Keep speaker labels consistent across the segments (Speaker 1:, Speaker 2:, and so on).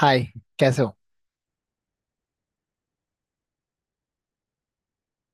Speaker 1: हाय। कैसे हो?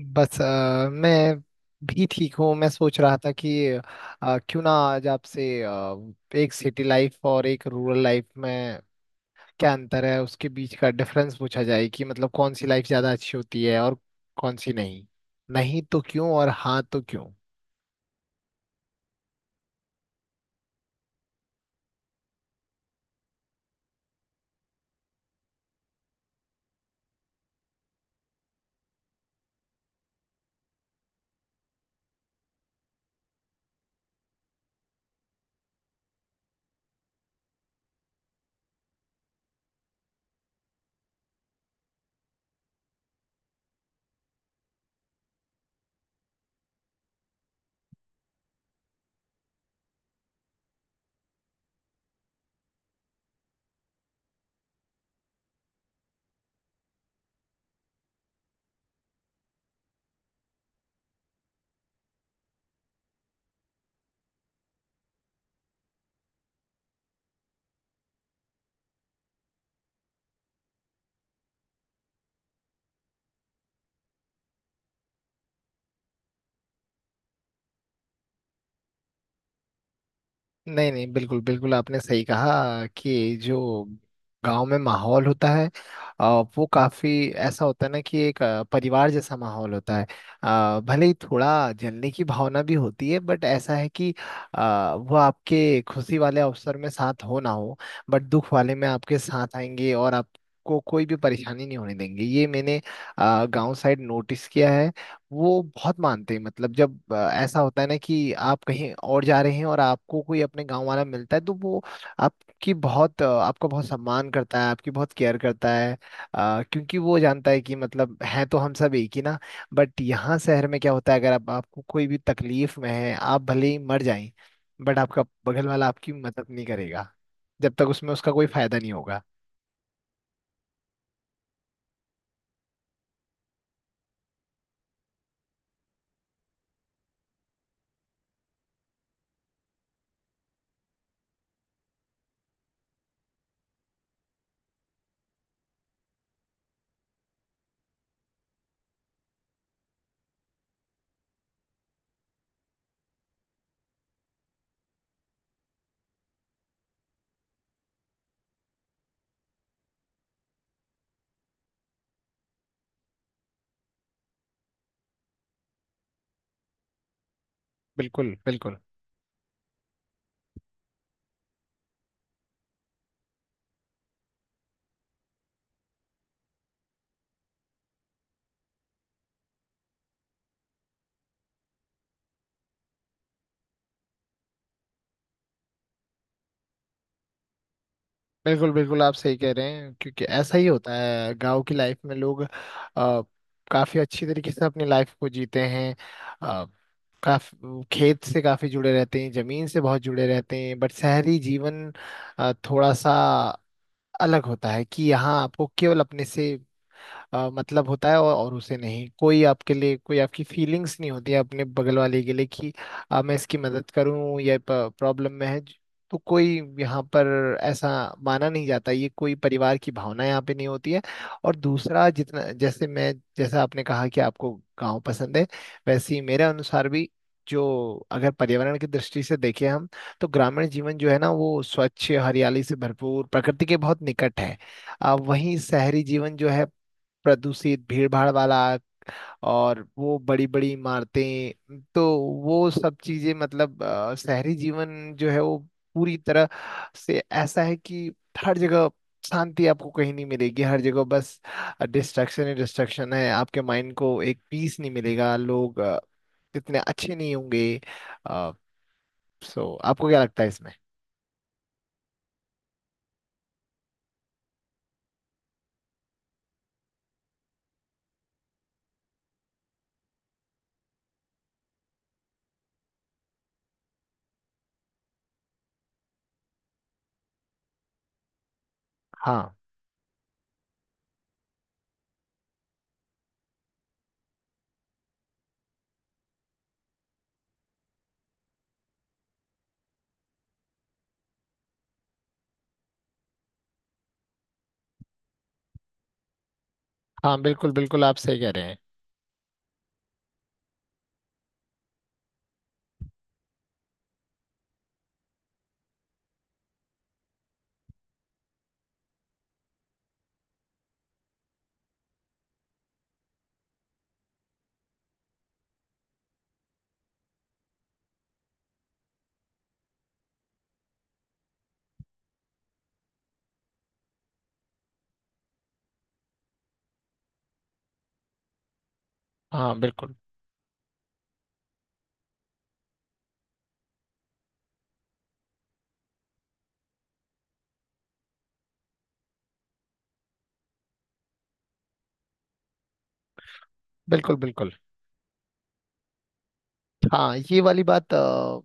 Speaker 1: बस मैं भी ठीक हूँ। मैं सोच रहा था कि क्यों ना आज आपसे एक सिटी लाइफ और एक रूरल लाइफ में क्या अंतर है, उसके बीच का डिफरेंस पूछा जाए कि मतलब कौन सी लाइफ ज़्यादा अच्छी होती है और कौन सी नहीं। नहीं तो क्यों और हाँ तो क्यों। नहीं नहीं, बिल्कुल बिल्कुल, आपने सही कहा कि जो गांव में माहौल होता है अ, वो काफी ऐसा होता है ना कि एक परिवार जैसा माहौल होता है। भले ही थोड़ा जलने की भावना भी होती है बट ऐसा है कि वो आपके खुशी वाले अवसर में साथ हो ना हो बट दुख वाले में आपके साथ आएंगे और आपको कोई भी परेशानी नहीं होने देंगे। ये मैंने गांव साइड नोटिस किया है। वो बहुत मानते हैं, मतलब जब ऐसा होता है ना कि आप कहीं और जा रहे हैं और आपको कोई अपने गांव वाला मिलता है तो वो आपका बहुत सम्मान करता है, आपकी बहुत केयर करता है। क्योंकि वो जानता है कि मतलब है तो हम सब एक ही ना। बट यहाँ शहर में क्या होता है, अगर आप आपको कोई भी तकलीफ में है आप भले ही मर जाएं बट आपका बगल वाला आपकी मदद नहीं करेगा जब तक उसमें उसका कोई फायदा नहीं होगा। बिल्कुल बिल्कुल। बिल्कुल बिल्कुल, आप सही कह रहे हैं, क्योंकि ऐसा ही होता है गांव की लाइफ में लोग काफी अच्छी तरीके से अपनी लाइफ को जीते हैं, अ, काफी खेत से काफी जुड़े रहते हैं, जमीन से बहुत जुड़े रहते हैं। बट शहरी जीवन थोड़ा सा अलग होता है कि यहाँ आपको केवल अपने से मतलब होता है और उसे नहीं, कोई आपके लिए कोई आपकी फीलिंग्स नहीं होती है अपने बगल वाले के लिए कि मैं इसकी मदद करूं या प्रॉब्लम में है तो कोई यहाँ पर ऐसा माना नहीं जाता, ये कोई परिवार की भावना यहाँ पे नहीं होती है। और दूसरा, जितना जैसे मैं जैसा आपने कहा कि आपको गांव पसंद है, वैसे ही मेरे अनुसार भी, जो अगर पर्यावरण की दृष्टि से देखें हम तो ग्रामीण जीवन जो है ना वो स्वच्छ, हरियाली से भरपूर, प्रकृति के बहुत निकट है। वहीं शहरी जीवन जो है प्रदूषित, भीड़भाड़ वाला, और वो बड़ी बड़ी इमारतें, तो वो सब चीजें, मतलब शहरी जीवन जो है वो पूरी तरह से ऐसा है कि हर जगह शांति आपको कहीं नहीं मिलेगी, हर जगह बस डिस्ट्रक्शन ही डिस्ट्रक्शन है। आपके माइंड को एक पीस नहीं मिलेगा, लोग इतने अच्छे नहीं होंगे। सो आपको क्या लगता है इसमें? हाँ। हाँ बिल्कुल बिल्कुल, आप सही कह रहे हैं। हाँ बिल्कुल बिल्कुल बिल्कुल। हाँ ये वाली बात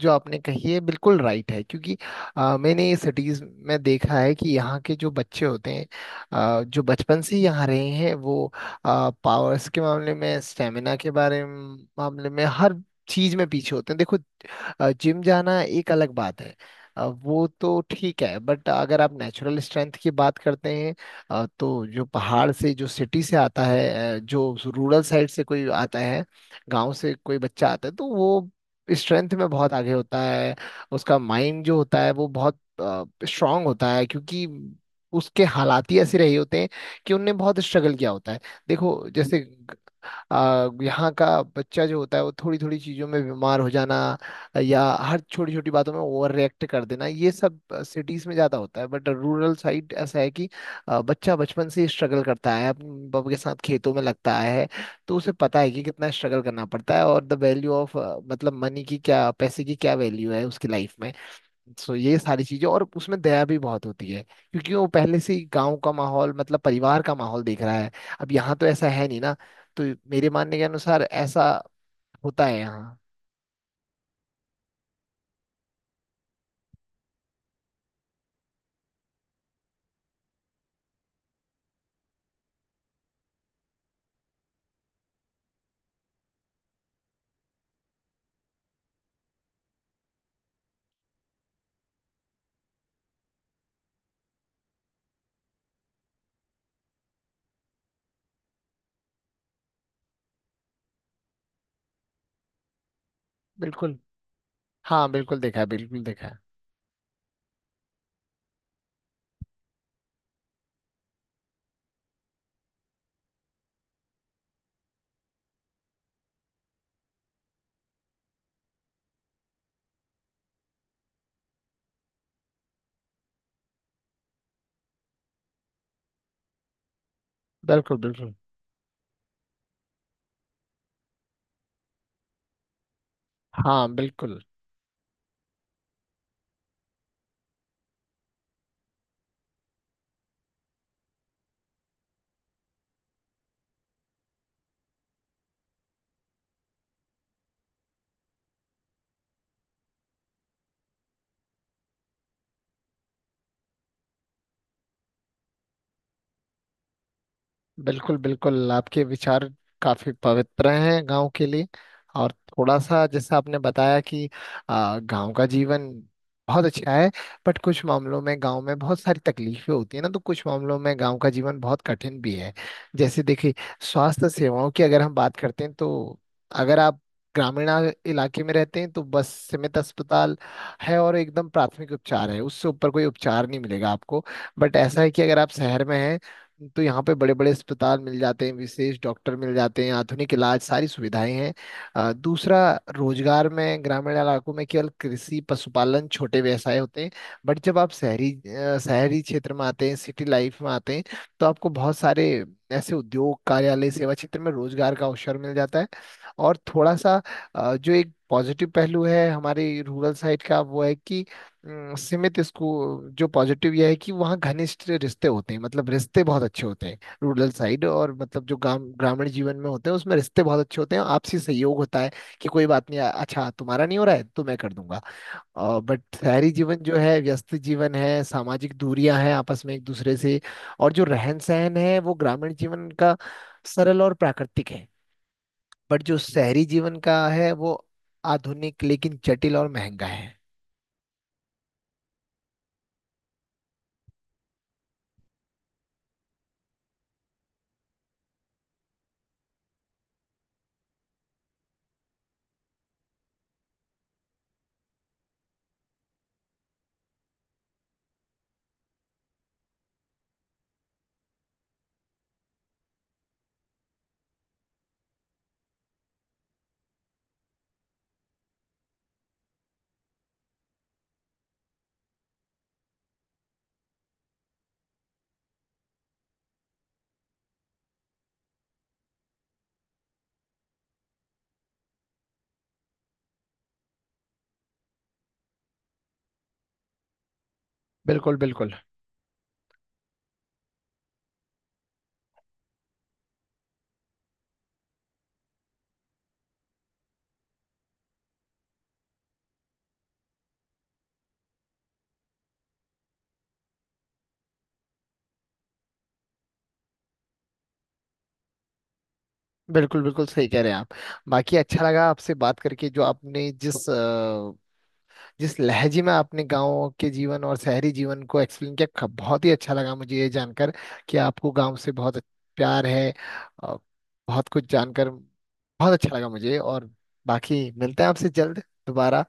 Speaker 1: जो आपने कही है बिल्कुल राइट है, क्योंकि मैंने ये सिटीज में देखा है कि यहाँ के जो बच्चे होते हैं, जो बचपन से ही यहाँ रहे हैं, वो पावर्स के मामले में, स्टेमिना के बारे में मामले में, हर चीज में पीछे होते हैं। देखो, जिम जाना एक अलग बात है, वो तो ठीक है, बट अगर आप नेचुरल स्ट्रेंथ की बात करते हैं, तो जो पहाड़ से जो सिटी से आता है, जो रूरल साइड से कोई आता है, गांव से कोई बच्चा आता है तो वो स्ट्रेंथ में बहुत आगे होता है। उसका माइंड जो होता है वो बहुत स्ट्रांग होता है, क्योंकि उसके हालात ही ऐसे रहे होते हैं कि उनने बहुत स्ट्रगल किया होता है। देखो जैसे, यहाँ का बच्चा जो होता है वो थोड़ी थोड़ी चीजों में बीमार हो जाना या हर छोटी छोटी बातों में ओवर रिएक्ट कर देना, ये सब सिटीज में ज्यादा होता है। बट रूरल साइड ऐसा है कि बच्चा बचपन से स्ट्रगल करता है, अपने बाप के साथ खेतों में लगता है, तो उसे पता है कि कितना स्ट्रगल करना पड़ता है और द वैल्यू ऑफ मतलब मनी की क्या, पैसे की क्या वैल्यू है उसकी लाइफ में। सो ये सारी चीजें, और उसमें दया भी बहुत होती है क्योंकि वो पहले से ही गांव का माहौल, मतलब परिवार का माहौल देख रहा है। अब यहाँ तो ऐसा है नहीं ना, तो मेरे मानने के अनुसार ऐसा होता है यहाँ। बिल्कुल। हाँ बिल्कुल देखा है, बिल्कुल देखा है। बिल्कुल बिल्कुल। हाँ बिल्कुल बिल्कुल। बिल्कुल, आपके विचार काफी पवित्र हैं गांव के लिए। और थोड़ा सा जैसा आपने बताया कि गांव का जीवन बहुत अच्छा है, बट कुछ मामलों में गांव में बहुत सारी तकलीफें होती है ना, तो कुछ मामलों में गांव का जीवन बहुत कठिन भी है। जैसे देखिए, स्वास्थ्य सेवाओं की अगर हम बात करते हैं तो अगर आप ग्रामीण इलाके में रहते हैं तो बस सीमित अस्पताल है और एकदम प्राथमिक उपचार है, उससे ऊपर कोई उपचार नहीं मिलेगा आपको। बट ऐसा है कि अगर आप शहर में हैं तो यहाँ पे बड़े बड़े अस्पताल मिल जाते हैं, विशेष डॉक्टर मिल जाते हैं, आधुनिक इलाज, सारी सुविधाएं हैं। दूसरा, रोजगार में ग्रामीण इलाकों में केवल कृषि, पशुपालन, छोटे व्यवसाय होते हैं। बट जब आप शहरी शहरी क्षेत्र में आते हैं, सिटी लाइफ में आते हैं, तो आपको बहुत सारे ऐसे उद्योग, कार्यालय, सेवा क्षेत्र में रोजगार का अवसर मिल जाता है। और थोड़ा सा जो एक पॉजिटिव पहलू है हमारे रूरल साइड का वो है कि सीमित इसको, जो पॉजिटिव यह है कि वहाँ घनिष्ठ रिश्ते होते हैं, मतलब रिश्ते बहुत अच्छे होते हैं रूरल साइड, और मतलब जो ग्राम ग्रामीण जीवन में होते हैं उसमें रिश्ते बहुत अच्छे होते हैं, आपसी सहयोग होता है कि कोई बात नहीं, अच्छा तुम्हारा नहीं हो रहा है तो मैं कर दूंगा। और बट शहरी जीवन जो है व्यस्त जीवन है, सामाजिक दूरियां हैं आपस में एक दूसरे से। और जो रहन सहन है वो ग्रामीण जीवन का सरल और प्राकृतिक है, बट जो शहरी जीवन का है वो आधुनिक लेकिन जटिल और महंगा है। बिल्कुल बिल्कुल। बिल्कुल बिल्कुल, सही कह रहे हैं आप। बाकी अच्छा लगा आपसे बात करके, जो आपने जिस जिस लहजे में आपने गांव के जीवन और शहरी जीवन को एक्सप्लेन किया, बहुत ही अच्छा लगा मुझे ये जानकर कि आपको गांव से बहुत प्यार है। अ, बहुत कुछ जानकर बहुत अच्छा लगा मुझे, और बाकी मिलते हैं आपसे जल्द दोबारा।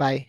Speaker 1: बाय।